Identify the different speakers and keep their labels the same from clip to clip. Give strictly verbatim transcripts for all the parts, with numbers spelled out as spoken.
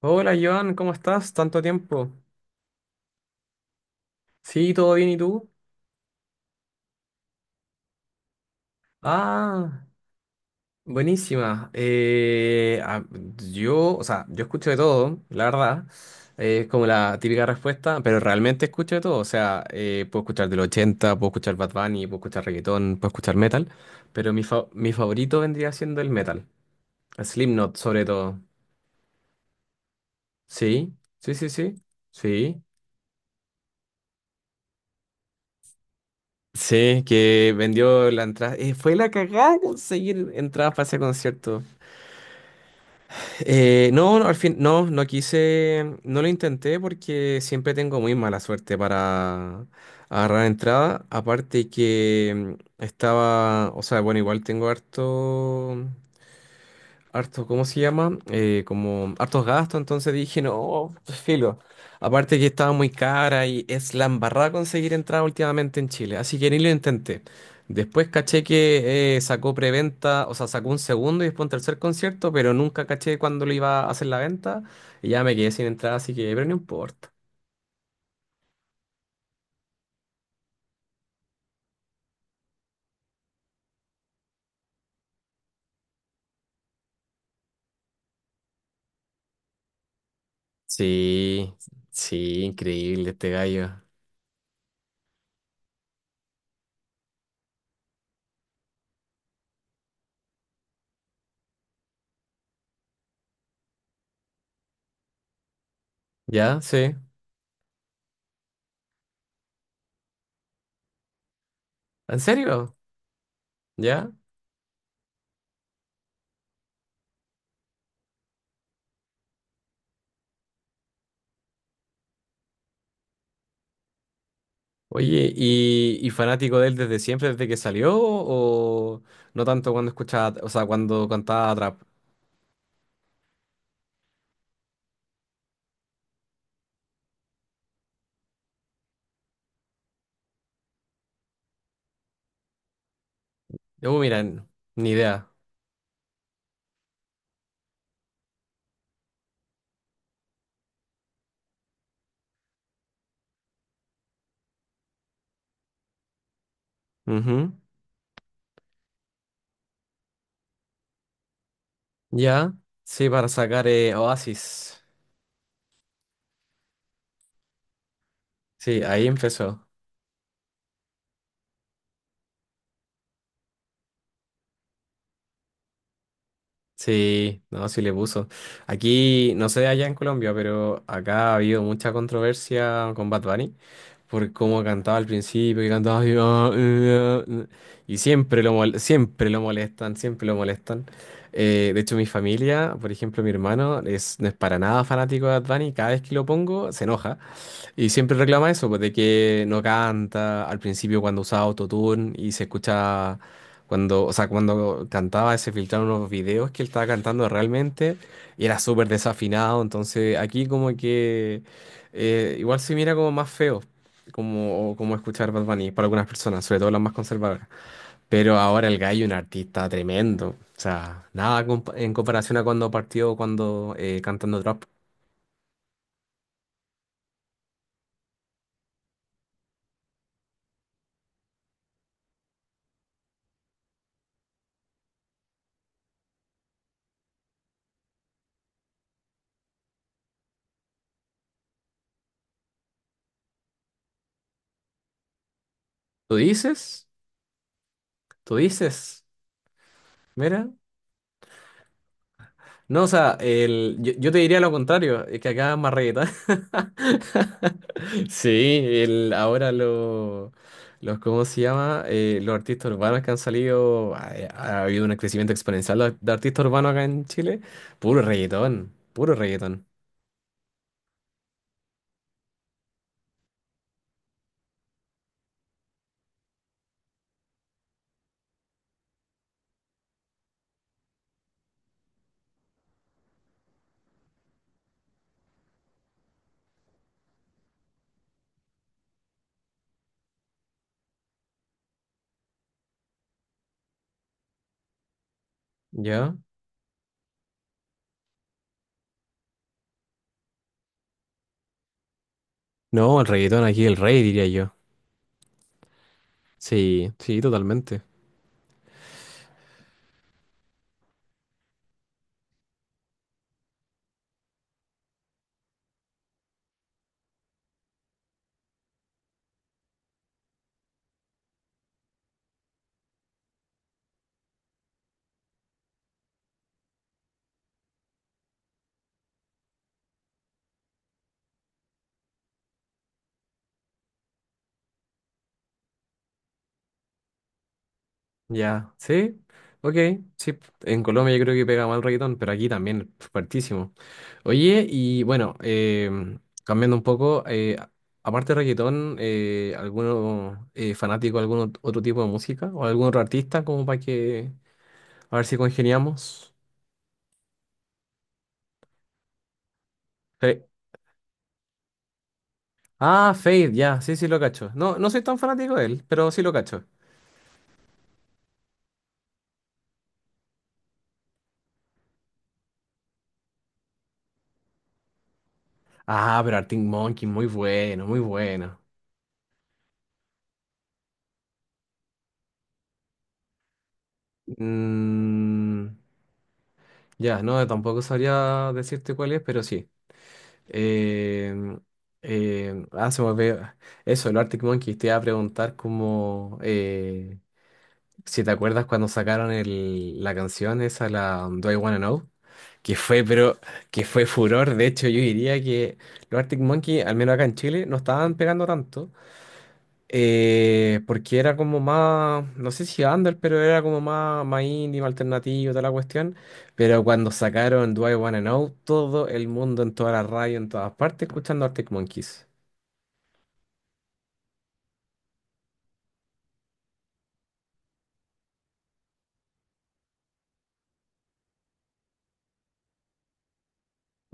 Speaker 1: Hola Joan, ¿cómo estás? Tanto tiempo. Sí, todo bien, ¿y tú? Ah, buenísima. Eh, ah, yo, o sea, yo escucho de todo, la verdad. Eh, Es como la típica respuesta, pero realmente escucho de todo. O sea, eh, puedo escuchar del ochenta, puedo escuchar Bad Bunny, puedo escuchar reggaetón, puedo escuchar metal, pero mi, fa- mi favorito vendría siendo el metal. El Slipknot, sobre todo. Sí, sí, sí, sí. Sí. Sí, que vendió la entrada. Eh, fue la cagada conseguir entradas para ese concierto. Eh, no, no, al fin, no, no quise, no lo intenté porque siempre tengo muy mala suerte para agarrar entrada. Aparte que mm, estaba, o sea, bueno, igual tengo harto harto, ¿cómo se llama? Eh, como hartos gastos, entonces dije, no, pues, filo. Aparte que estaba muy cara y es la embarrada conseguir entrada últimamente en Chile, así que ni lo intenté. Después caché que eh, sacó preventa, o sea, sacó un segundo y después un tercer concierto, pero nunca caché cuándo lo iba a hacer la venta y ya me quedé sin entrada, así que, pero no importa. Sí, sí, increíble este gallo. ¿Ya? Sí. ¿En serio? ¿Ya? Oye, ¿y, y fanático de él desde siempre, ¿desde que salió? ¿O no tanto cuando escuchaba, o sea, cuando cantaba trap? Yo, mira, n- ni idea. Ujú. Ya, sí, para sacar eh, Oasis. Sí, ahí empezó. Sí, no, sí le puso. Aquí, no sé allá en Colombia, pero acá ha habido mucha controversia con Bad Bunny, por cómo cantaba al principio, que cantaba así, "Ah, eh, ah", y siempre lo mol- siempre lo molestan, siempre lo molestan. Eh, de hecho, mi familia, por ejemplo, mi hermano es, no es para nada fanático de Bad Bunny, cada vez que lo pongo se enoja. Y siempre reclama eso, pues de que no canta, al principio cuando usaba autotune y se escucha cuando, o sea, cuando cantaba se filtraron unos videos que él estaba cantando realmente y era súper desafinado, entonces aquí como que eh, igual se mira como más feo, como, como escuchar Bad Bunny para algunas personas, sobre todo las más conservadoras. Pero ahora el gallo es un artista tremendo, o sea, nada compa- en comparación a cuando partió, cuando eh, cantando trap. ¿Tú dices? ¿Tú dices? Mira. No, o sea, el, yo, yo te diría lo contrario, es que acá es más reggaetón. Sí, el, ahora lo- los, ¿cómo se llama? Eh, los artistas urbanos que han salido, ha, ha habido un crecimiento exponencial de, de artistas urbanos acá en Chile. Puro reggaetón, puro reggaetón. ¿Ya? No, el reggaetón aquí, es el rey, diría yo. Sí, sí, totalmente. Ya, sí, ok, sí. En Colombia yo creo que pega mal el reggaetón, pero aquí también, fuertísimo. Oye, y bueno, em, cambiando un poco, eh, a- aparte de reggaetón, eh, ¿alguno eh, fanático de algún ot- otro tipo de música? ¿O algún otro artista? Como para que, a ver si congeniamos. Fe- ah, Fade, ya, sí, sí lo cacho. No, no soy tan fanático de él, pero sí lo cacho. Ah, pero Arctic Monkey, muy bueno, muy bueno. Mm, ya, no, tampoco sabría decirte cuál es, pero sí. Eh, eh, ah, Se me olvidó. Eso, el Arctic Monkeys. Te iba a preguntar como eh, si te acuerdas cuando sacaron el, la canción esa, la um, Do I Wanna Know, que fue, pero que fue furor. De hecho, yo diría que los Arctic Monkeys, al menos acá en Chile, no estaban pegando tanto. Eh, porque era como más, no sé si under, pero era como más, más indie, más alternativo, toda la cuestión. Pero cuando sacaron Do I Wanna Know, todo el mundo en toda la radio, en todas partes, escuchando Arctic Monkeys.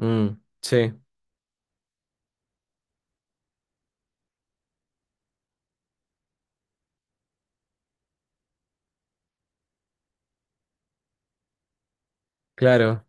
Speaker 1: Mm, sí, claro.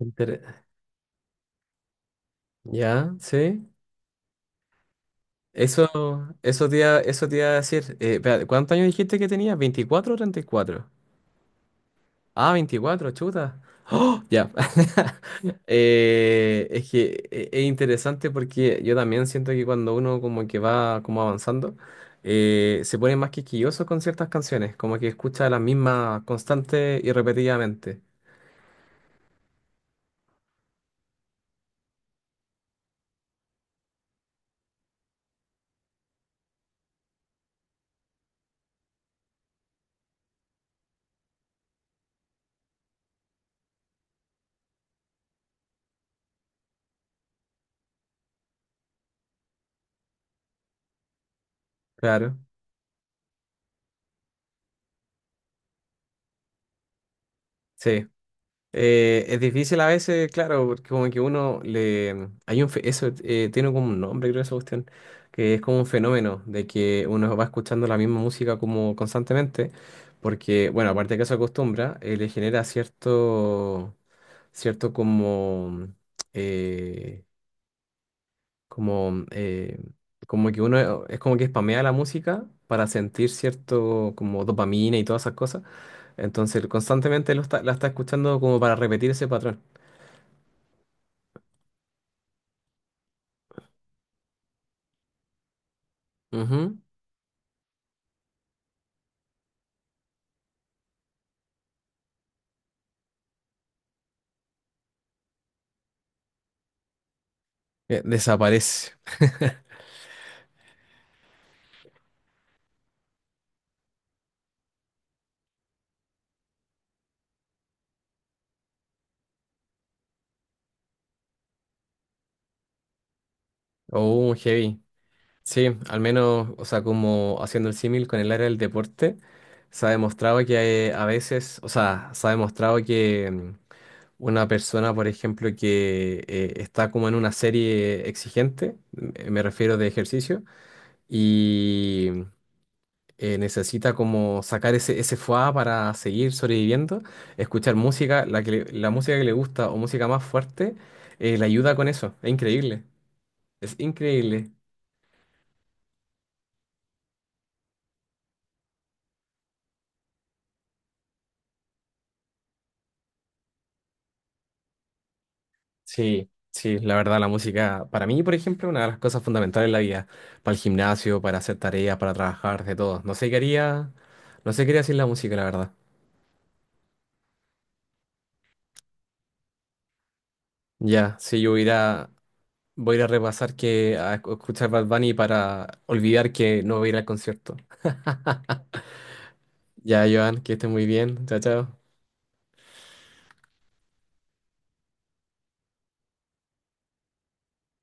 Speaker 1: Inter- ya, sí. Eso, eso te iba, eso te iba a decir. Eh, espérate, ¿cuántos años dijiste que tenías? ¿Veinticuatro o treinta y cuatro? Ah, veinticuatro, chuta. ¡Oh! Ya. Eh, es que e- es interesante porque yo también siento que cuando uno como que va como avanzando, eh, se pone más quisquilloso con ciertas canciones, como que escucha las mismas constante y repetidamente. Claro, sí. Eh, es difícil a veces, claro, porque como que uno le... Hay un fe- Eso eh, tiene como un nombre, creo, esa cuestión, que es como un fenómeno de que uno va escuchando la misma música como constantemente, porque, bueno, aparte de que se acostumbra, eh, le genera cierto, cierto como, eh, como, eh, como que uno es como que spamea la música para sentir cierto como dopamina y todas esas cosas, entonces constantemente lo está- la está escuchando como para repetir ese patrón. Ujú. Eh, Desaparece. Oh, heavy. Sí, al menos, o sea, como haciendo el símil con el área del deporte, se ha demostrado que hay a veces, o sea, se ha demostrado que mm, una persona, por ejemplo, que eh, está como en una serie exigente, m- me refiero de ejercicio, eh, necesita como sacar ese, ese fuá para seguir sobreviviendo, escuchar música, la que le- la música que le gusta o música más fuerte, eh, le ayuda con eso. Es increíble. Es increíble. Sí, sí, la verdad, la música, para mí, por ejemplo, es una de las cosas fundamentales en la vida. Para el gimnasio, para hacer tareas, para trabajar, de todo. No sé qué haría, no sé qué haría sin la música, la verdad. Ya, sí, yo voy a ir a, voy a ir a repasar que a escuchar Bad Bunny para olvidar que no voy a ir al concierto. Ya, Joan, que estés muy bien. Chao, chao.